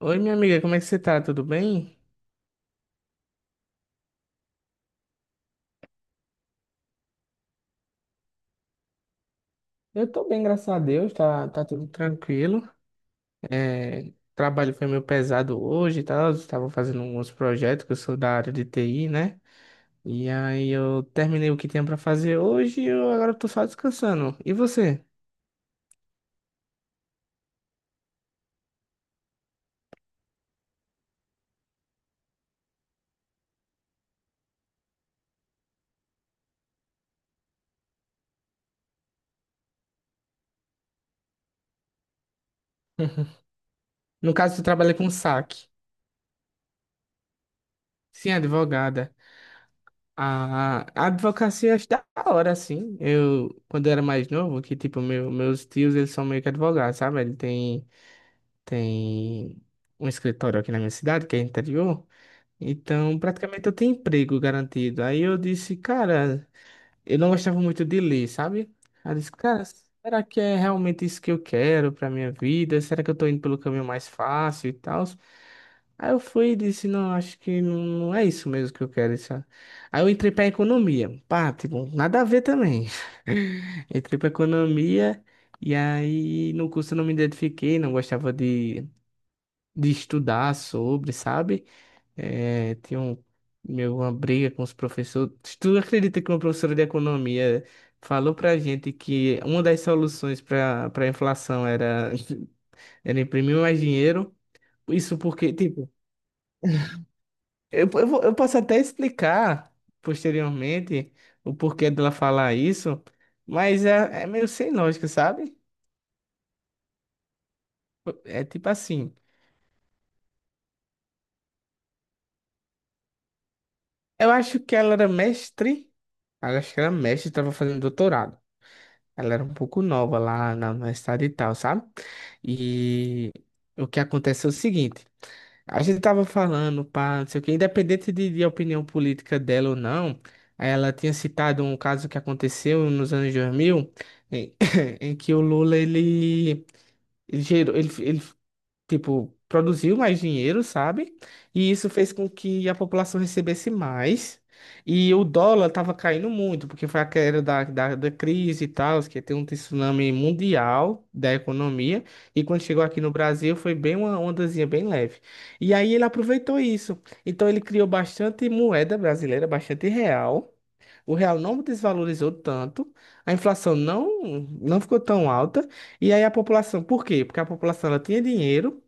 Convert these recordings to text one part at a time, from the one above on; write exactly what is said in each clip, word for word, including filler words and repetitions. Oi, minha amiga, como é que você tá? Tudo bem? Eu tô bem, graças a Deus, tá, tá tudo tranquilo. É, o trabalho foi meio pesado hoje e tal, eu estava fazendo uns projetos, que eu sou da área de T I, né? E aí eu terminei o que tinha pra fazer hoje e eu agora tô só descansando. E você? No caso, você trabalha com saque. Sim, advogada. A, a advocacia eu acho da hora, assim. Eu, quando eu era mais novo, que tipo, meu, meus tios, eles são meio que advogados, sabe? Ele tem tem um escritório aqui na minha cidade, que é interior, então praticamente eu tenho emprego garantido. Aí eu disse, cara, eu não gostava muito de ler, sabe? Aí eu disse, cara, será que é realmente isso que eu quero pra minha vida? Será que eu tô indo pelo caminho mais fácil e tal? Aí eu fui e disse, não, acho que não, não é isso mesmo que eu quero. Isso. Aí eu entrei pra economia. Pá, tipo, nada a ver também. Entrei pra economia e aí no curso eu não me identifiquei, não gostava de de estudar sobre, sabe? É, tinha um, meu, uma briga com os professores. Tu acredita que uma professora de economia falou pra gente que uma das soluções para para a inflação era, era imprimir mais dinheiro? Isso porque, tipo, eu, eu, vou- eu posso até explicar posteriormente o porquê dela falar isso, mas é, é meio sem lógica, sabe? É tipo assim, eu acho que ela era mestre, eu acho que ela era mestre, estava fazendo doutorado. Ela era um pouco nova lá na universidade e tal, sabe? E o que acontece é o seguinte. A gente tava falando, pá, não sei o quê, independente de, de opinião política dela ou não, ela tinha citado um caso que aconteceu nos anos dois mil em, em que o Lula, ele, ele gerou, ele, ele tipo, produziu mais dinheiro, sabe? E isso fez com que a população recebesse mais. E o dólar estava caindo muito, porque foi a queda da, da, da crise e tal, que tem um tsunami mundial da economia. E quando chegou aqui no Brasil, foi bem uma ondazinha bem leve. E aí ele aproveitou isso. Então ele criou bastante moeda brasileira, bastante real. O real não desvalorizou tanto, a inflação não, não ficou tão alta, e aí a população, por quê? Porque a população ela tinha dinheiro,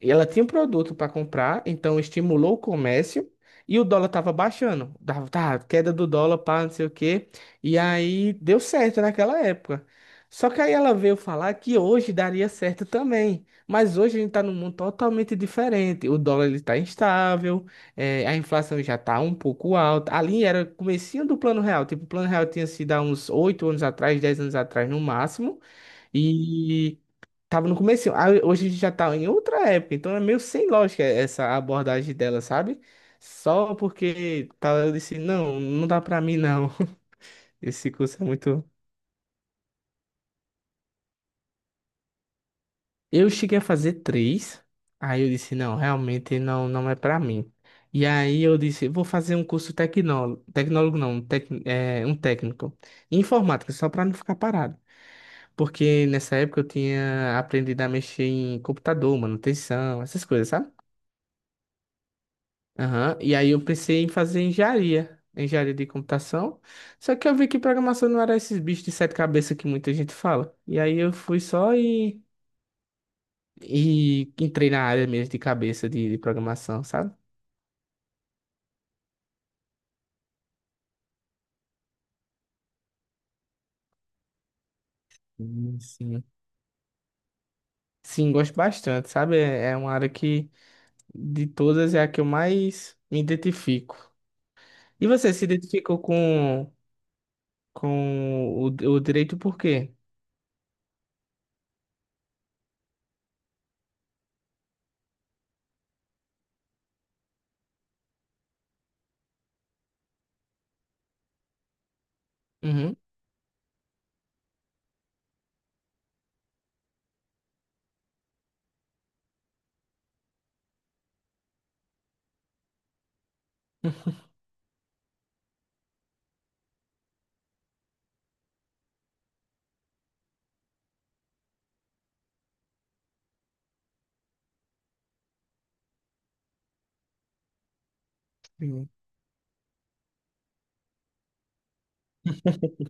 ela tinha um produto para comprar, então estimulou o comércio e o dólar estava baixando. Dava, tá, queda do dólar, pá, não sei o quê. E aí deu certo naquela época. Só que aí ela veio falar que hoje daria certo também. Mas hoje a gente está num mundo totalmente diferente. O dólar ele está instável, eh, a inflação já está um pouco alta. Ali era o comecinho do Plano Real. Tipo, o Plano Real tinha sido há uns oito anos atrás, dez anos atrás no máximo. E tava no começo. Hoje a gente já tá em outra época, então é meio sem lógica essa abordagem dela, sabe? Só porque tá, eu disse, não, não dá pra mim não. Esse curso é muito. Eu cheguei a fazer três, aí eu disse, não, realmente não, não é pra mim. E aí eu disse, vou fazer um curso tecnólogo, tecnólogo não, tec, é, um técnico, em informática, só pra não ficar parado. Porque nessa época eu tinha aprendido a mexer em computador, manutenção, essas coisas, sabe? Aham. E aí eu pensei em fazer engenharia, engenharia de computação. Só que eu vi que programação não era esses bichos de sete cabeças que muita gente fala. E aí eu fui só e, e entrei na área mesmo de cabeça de, de programação, sabe? Hum. Sim. Sim, gosto bastante, sabe? É é uma área que de todas é a que eu mais me identifico. E você se identificou com, com o, o direito por quê? Uhum.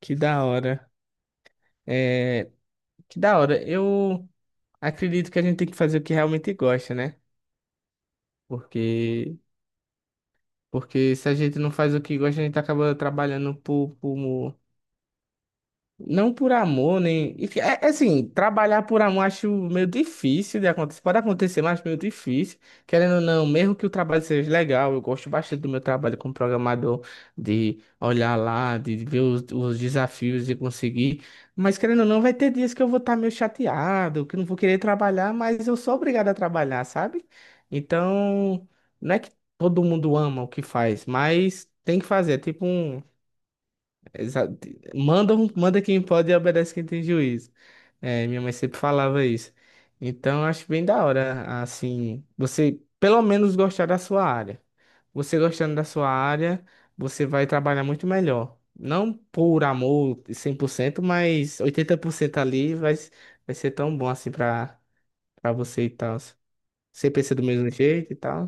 Que da hora. É, que da hora. Eu acredito que a gente tem que fazer o que realmente gosta, né? Porque, porque se a gente não faz o que gosta, a gente acaba trabalhando por, por, não por amor, nem. e que- É, é assim, trabalhar por amor acho meio difícil de acontecer. Pode acontecer, mas meio difícil. Querendo ou não, mesmo que o trabalho seja legal, eu gosto bastante do meu trabalho como programador, de olhar lá, de ver os, os desafios de conseguir. Mas querendo ou não, vai ter dias que eu vou estar meio chateado, que eu não vou querer trabalhar, mas eu sou obrigado a trabalhar, sabe? Então, não é que todo mundo ama o que faz, mas tem que fazer. É tipo um exato. Manda, um- manda quem pode e obedece quem tem juízo. É, minha mãe sempre falava isso. Então, eu acho bem da hora, assim, você pelo menos gostar da sua área. Você gostando da sua área, você vai trabalhar muito melhor. Não por amor cem por cento, mas oitenta por cento ali vai, vai ser tão bom assim pra, pra você e tal. Você pensa do mesmo jeito e tal.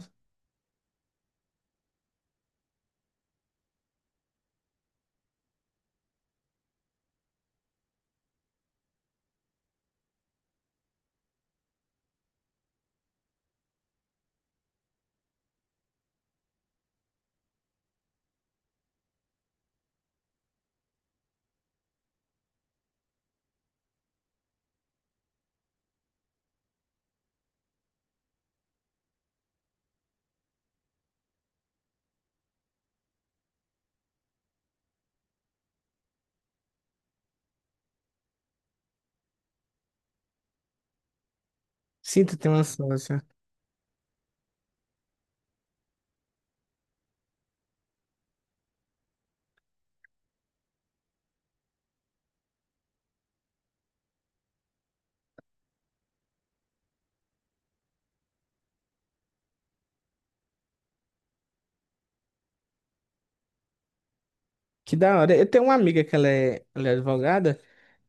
Sinto ter uma sócia. Que da hora. Eu tenho uma amiga que ela é, ela é advogada.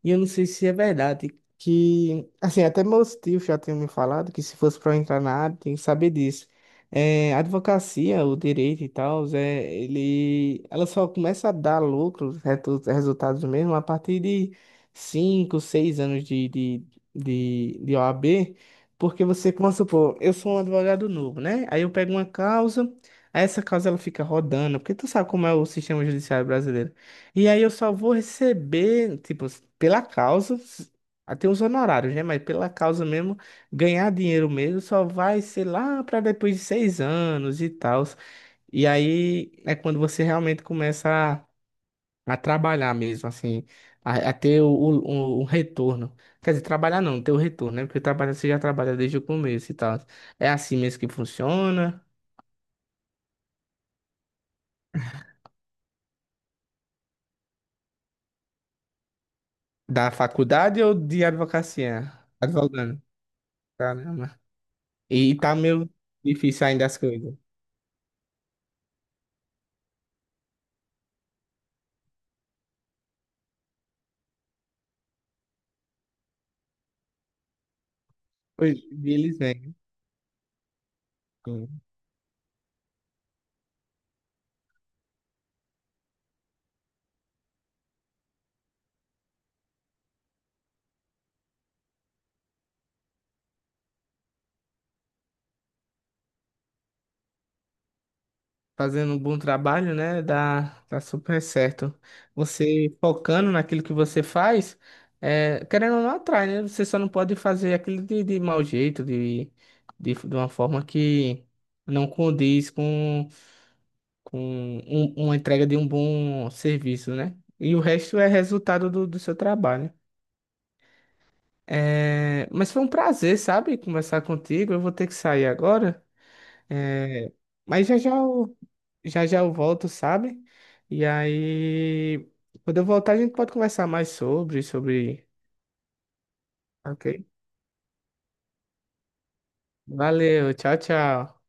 E eu não sei se é verdade que, assim, até meus tios já tinham me falado que se fosse para entrar na área, tem que saber disso. É, a advocacia, o direito e tal, é, ele, ela só começa a dar lucro, retu- resultados mesmo, a partir de cinco seis anos de, de, de, de O A B, porque você, vamos supor, eu sou um advogado novo, né? Aí eu pego uma causa, aí essa causa ela fica rodando, porque tu sabe como é o sistema judiciário brasileiro. E aí eu só vou receber, tipo, pela causa, s- até os honorários, né? Mas pela causa mesmo, ganhar dinheiro mesmo só vai ser lá para depois de seis anos e tal. E aí é quando você realmente começa a, a trabalhar mesmo, assim, a, a ter o, o, o- o retorno. Quer dizer, trabalhar não, ter o retorno, né? Porque trabalhar você já trabalha desde o começo e tal. É assim mesmo que funciona? Da faculdade ou de advocacia? Advogando. Tá, né? E tá meio difícil ainda as coisas. Hoje em dia eles vêm. Sim. Fazendo um bom trabalho, né? Dá, dá super certo. Você focando naquilo que você faz, é, querendo ou não atrai, né? Você só não pode fazer aquilo de, de mau jeito, de, de, de uma forma que não condiz com, com um- uma entrega de um bom serviço, né? E o resto é resultado do, do seu trabalho. É, mas foi um prazer, sabe, conversar contigo. Eu vou ter que sair agora. É, mas já já eu, já já eu volto, sabe? E aí, quando eu voltar, a gente pode conversar mais sobre, sobre. Ok? Valeu, tchau, tchau.